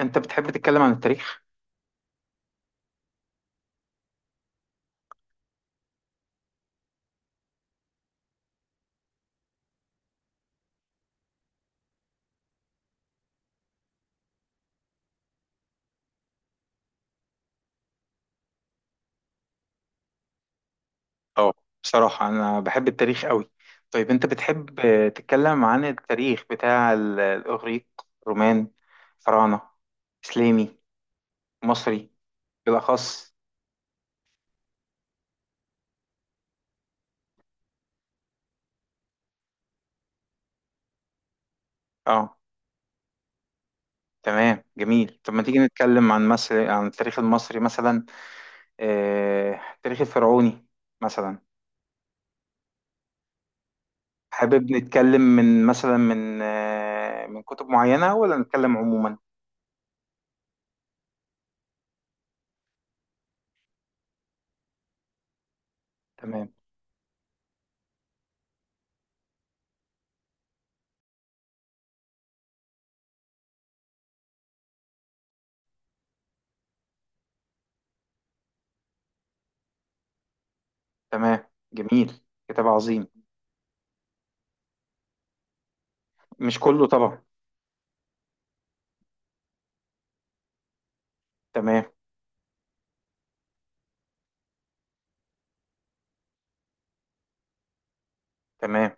انت بتحب تتكلم عن التاريخ؟ اه. بصراحة انا بحب التاريخ قوي. طيب انت بتحب تتكلم عن التاريخ بتاع الاغريق، رومان، فراعنة، اسلامي، مصري. بالاخص. اه. تمام، جميل. طب ما تيجي نتكلم عن مصر، عن التاريخ المصري مثلا، التاريخ الفرعوني مثلا. حابب نتكلم من مثلا من من كتب معينة ولا نتكلم عموما؟ تمام. تمام، جميل. كتاب عظيم. مش كله طبعا. تمام. تمام.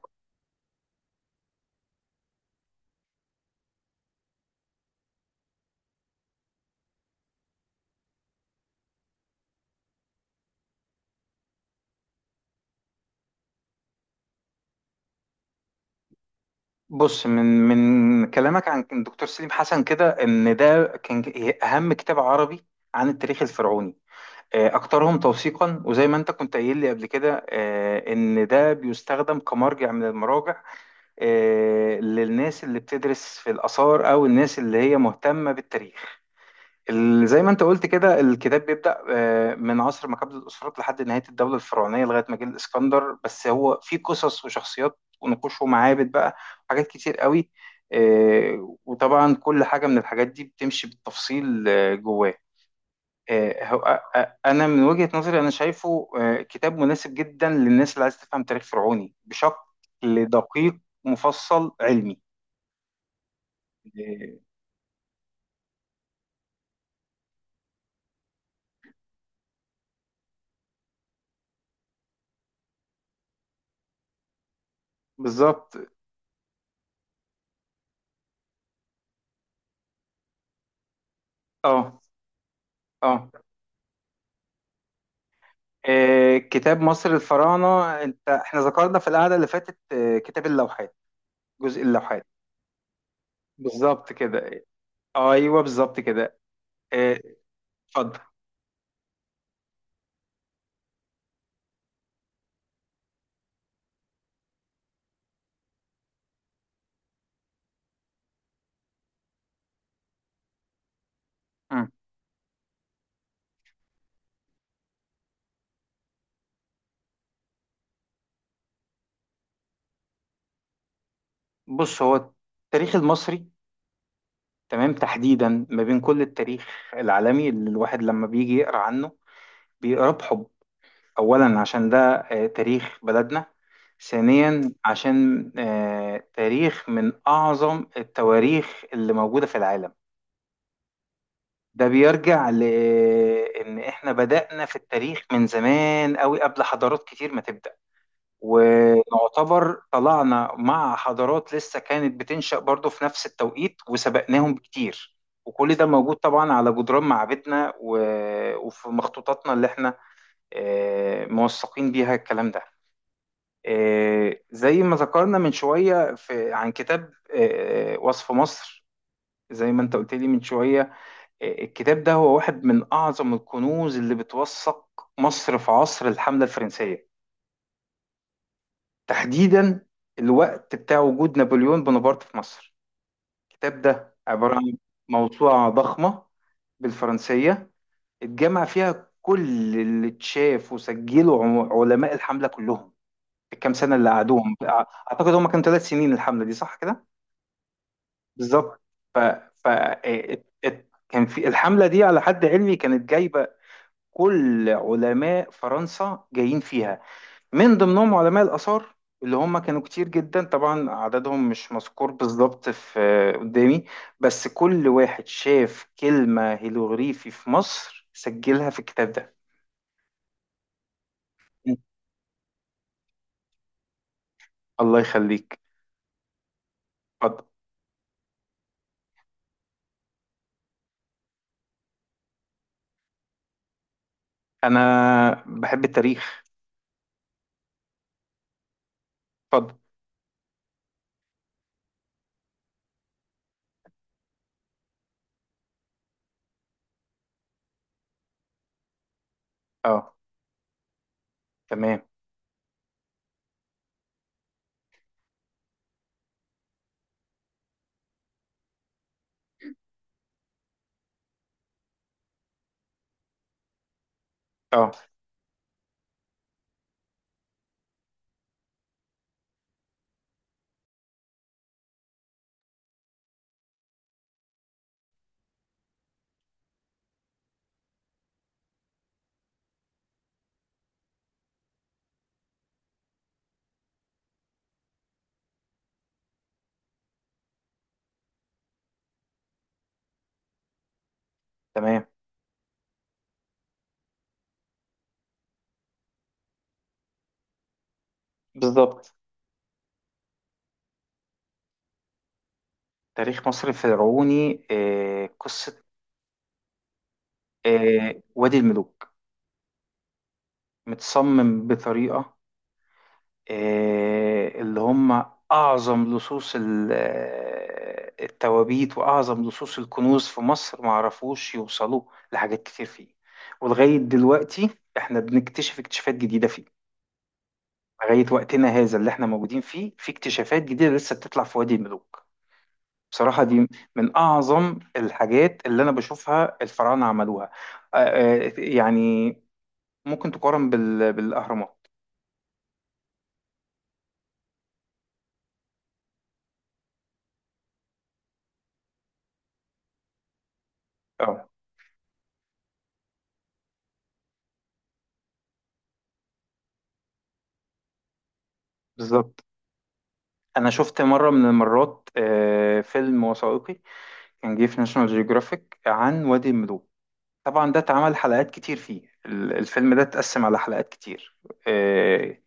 بص، من كلامك عن الدكتور سليم حسن كده ان ده كان اهم كتاب عربي عن التاريخ الفرعوني، اكثرهم توثيقا، وزي ما انت كنت قايل لي قبل كده ان ده بيستخدم كمرجع من المراجع للناس اللي بتدرس في الاثار او الناس اللي هي مهتمة بالتاريخ. زي ما انت قلت كده، الكتاب بيبدأ من عصر ما قبل الأسرات لحد نهاية الدولة الفرعونية، لغاية ما جه الإسكندر. بس هو فيه قصص وشخصيات ونقوش ومعابد بقى، حاجات كتير قوي. وطبعا كل حاجة من الحاجات دي بتمشي بالتفصيل جواه. أنا من وجهة نظري أنا شايفه كتاب مناسب جدا للناس اللي عايز تفهم تاريخ فرعوني بشكل دقيق، مفصل، علمي. آه، بالظبط. اه اه. كتاب مصر الفراعنة. انت، احنا ذكرنا في القعدة اللي فاتت كتاب اللوحات، جزء اللوحات. بالظبط كده. ايوه بالظبط كده. آه، اتفضل. مم. بص، هو التاريخ المصري، تمام، تحديدا ما بين كل التاريخ العالمي اللي الواحد لما بيجي يقرا عنه بيقراه بحب. اولا عشان ده تاريخ بلدنا. ثانيا عشان تاريخ من اعظم التواريخ اللي موجودة في العالم. ده بيرجع لان احنا بدأنا في التاريخ من زمان قوي قبل حضارات كتير ما تبدأ، ونعتبر طلعنا مع حضارات لسه كانت بتنشأ برضو في نفس التوقيت وسبقناهم بكتير. وكل ده موجود طبعا على جدران معابدنا وفي مخطوطاتنا اللي احنا موثقين بيها الكلام ده. زي ما ذكرنا من شوية في عن كتاب وصف مصر. زي ما انت قلت لي من شوية، الكتاب ده هو واحد من أعظم الكنوز اللي بتوثق مصر في عصر الحملة الفرنسية، تحديدا الوقت بتاع وجود نابليون بونابرت في مصر. الكتاب ده عبارة عن موسوعة ضخمة، بالفرنسية، اتجمع فيها كل اللي اتشاف وسجله علماء الحملة كلهم في الكام سنة اللي قعدوهم. أعتقد هم كانوا ثلاث سنين الحملة دي، صح كده؟ بالظبط. ف... إيه، كان في الحملة دي على حد علمي كانت جايبة كل علماء فرنسا جايين فيها، من ضمنهم علماء الآثار اللي هم كانوا كتير جدا. طبعا عددهم مش مذكور بالظبط في قدامي. بس كل واحد شاف كلمة هيلوغريفي في مصر سجلها في الكتاب ده. الله يخليك. اتفضل. انا بحب التاريخ. اتفضل. اه. تمام. اه. تمام. بالظبط. تاريخ مصر الفرعوني، قصة، وادي الملوك. متصمم بطريقة اللي هم أعظم لصوص التوابيت وأعظم لصوص الكنوز في مصر ما عرفوش يوصلوا لحاجات كتير فيه. ولغاية دلوقتي احنا بنكتشف اكتشافات جديدة فيه. لغاية وقتنا هذا اللي احنا موجودين فيه في اكتشافات جديدة لسه بتطلع في وادي الملوك. بصراحة دي من أعظم الحاجات اللي أنا بشوفها الفراعنة عملوها. يعني ممكن تقارن بالأهرامات. اه بالظبط. انا شفت مره من المرات فيلم وثائقي كان جه في ناشونال جيوغرافيك عن وادي الملوك. طبعا ده اتعمل حلقات كتير فيه، الفيلم ده اتقسم على حلقات كتير. آه،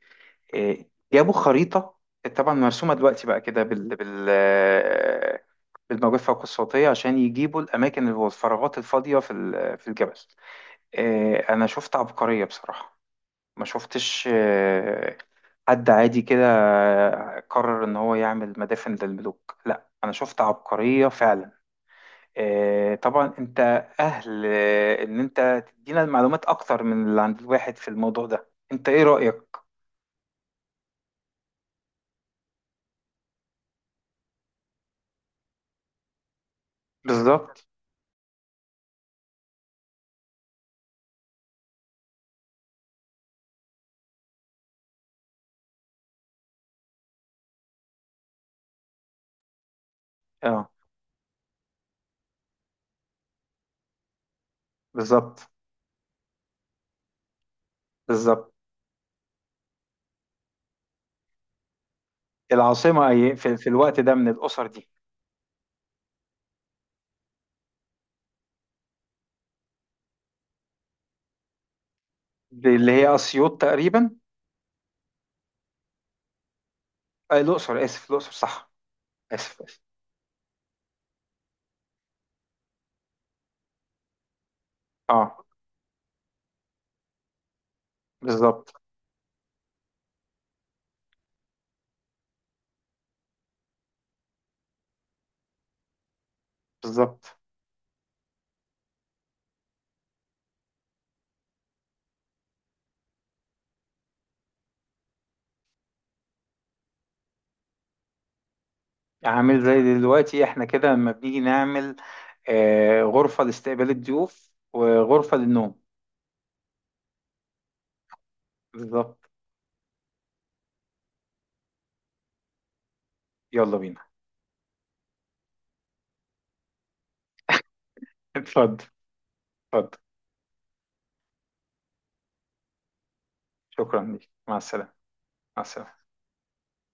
آه، جابوا خريطه، طبعا مرسومه دلوقتي بقى كده بالموجات الفوق الصوتيه عشان يجيبوا الاماكن اللي هو الفراغات الفاضيه في الجبل. انا شفت عبقريه بصراحه. ما شفتش حد عادي كده قرر ان هو يعمل مدافن للملوك. لا، انا شفت عبقرية فعلا. طبعا انت اهل ان انت تدينا المعلومات اكتر من اللي عند الواحد في الموضوع ده. انت ايه رأيك؟ بالظبط. اه بالظبط. بالظبط. العاصمة في الوقت ده من الأسر دي. اللي هي أسيوط تقريبا. الأقصر، آسف، الأقصر صح. آسف، آسف. اه بالظبط. بالظبط. عامل زي دلوقتي احنا كده لما بنيجي نعمل غرفة لاستقبال الضيوف وغرفة للنوم. بالظبط. يلا بينا. اتفضل. اتفضل. شكرا ليك. مع السلامة. مع السلامة.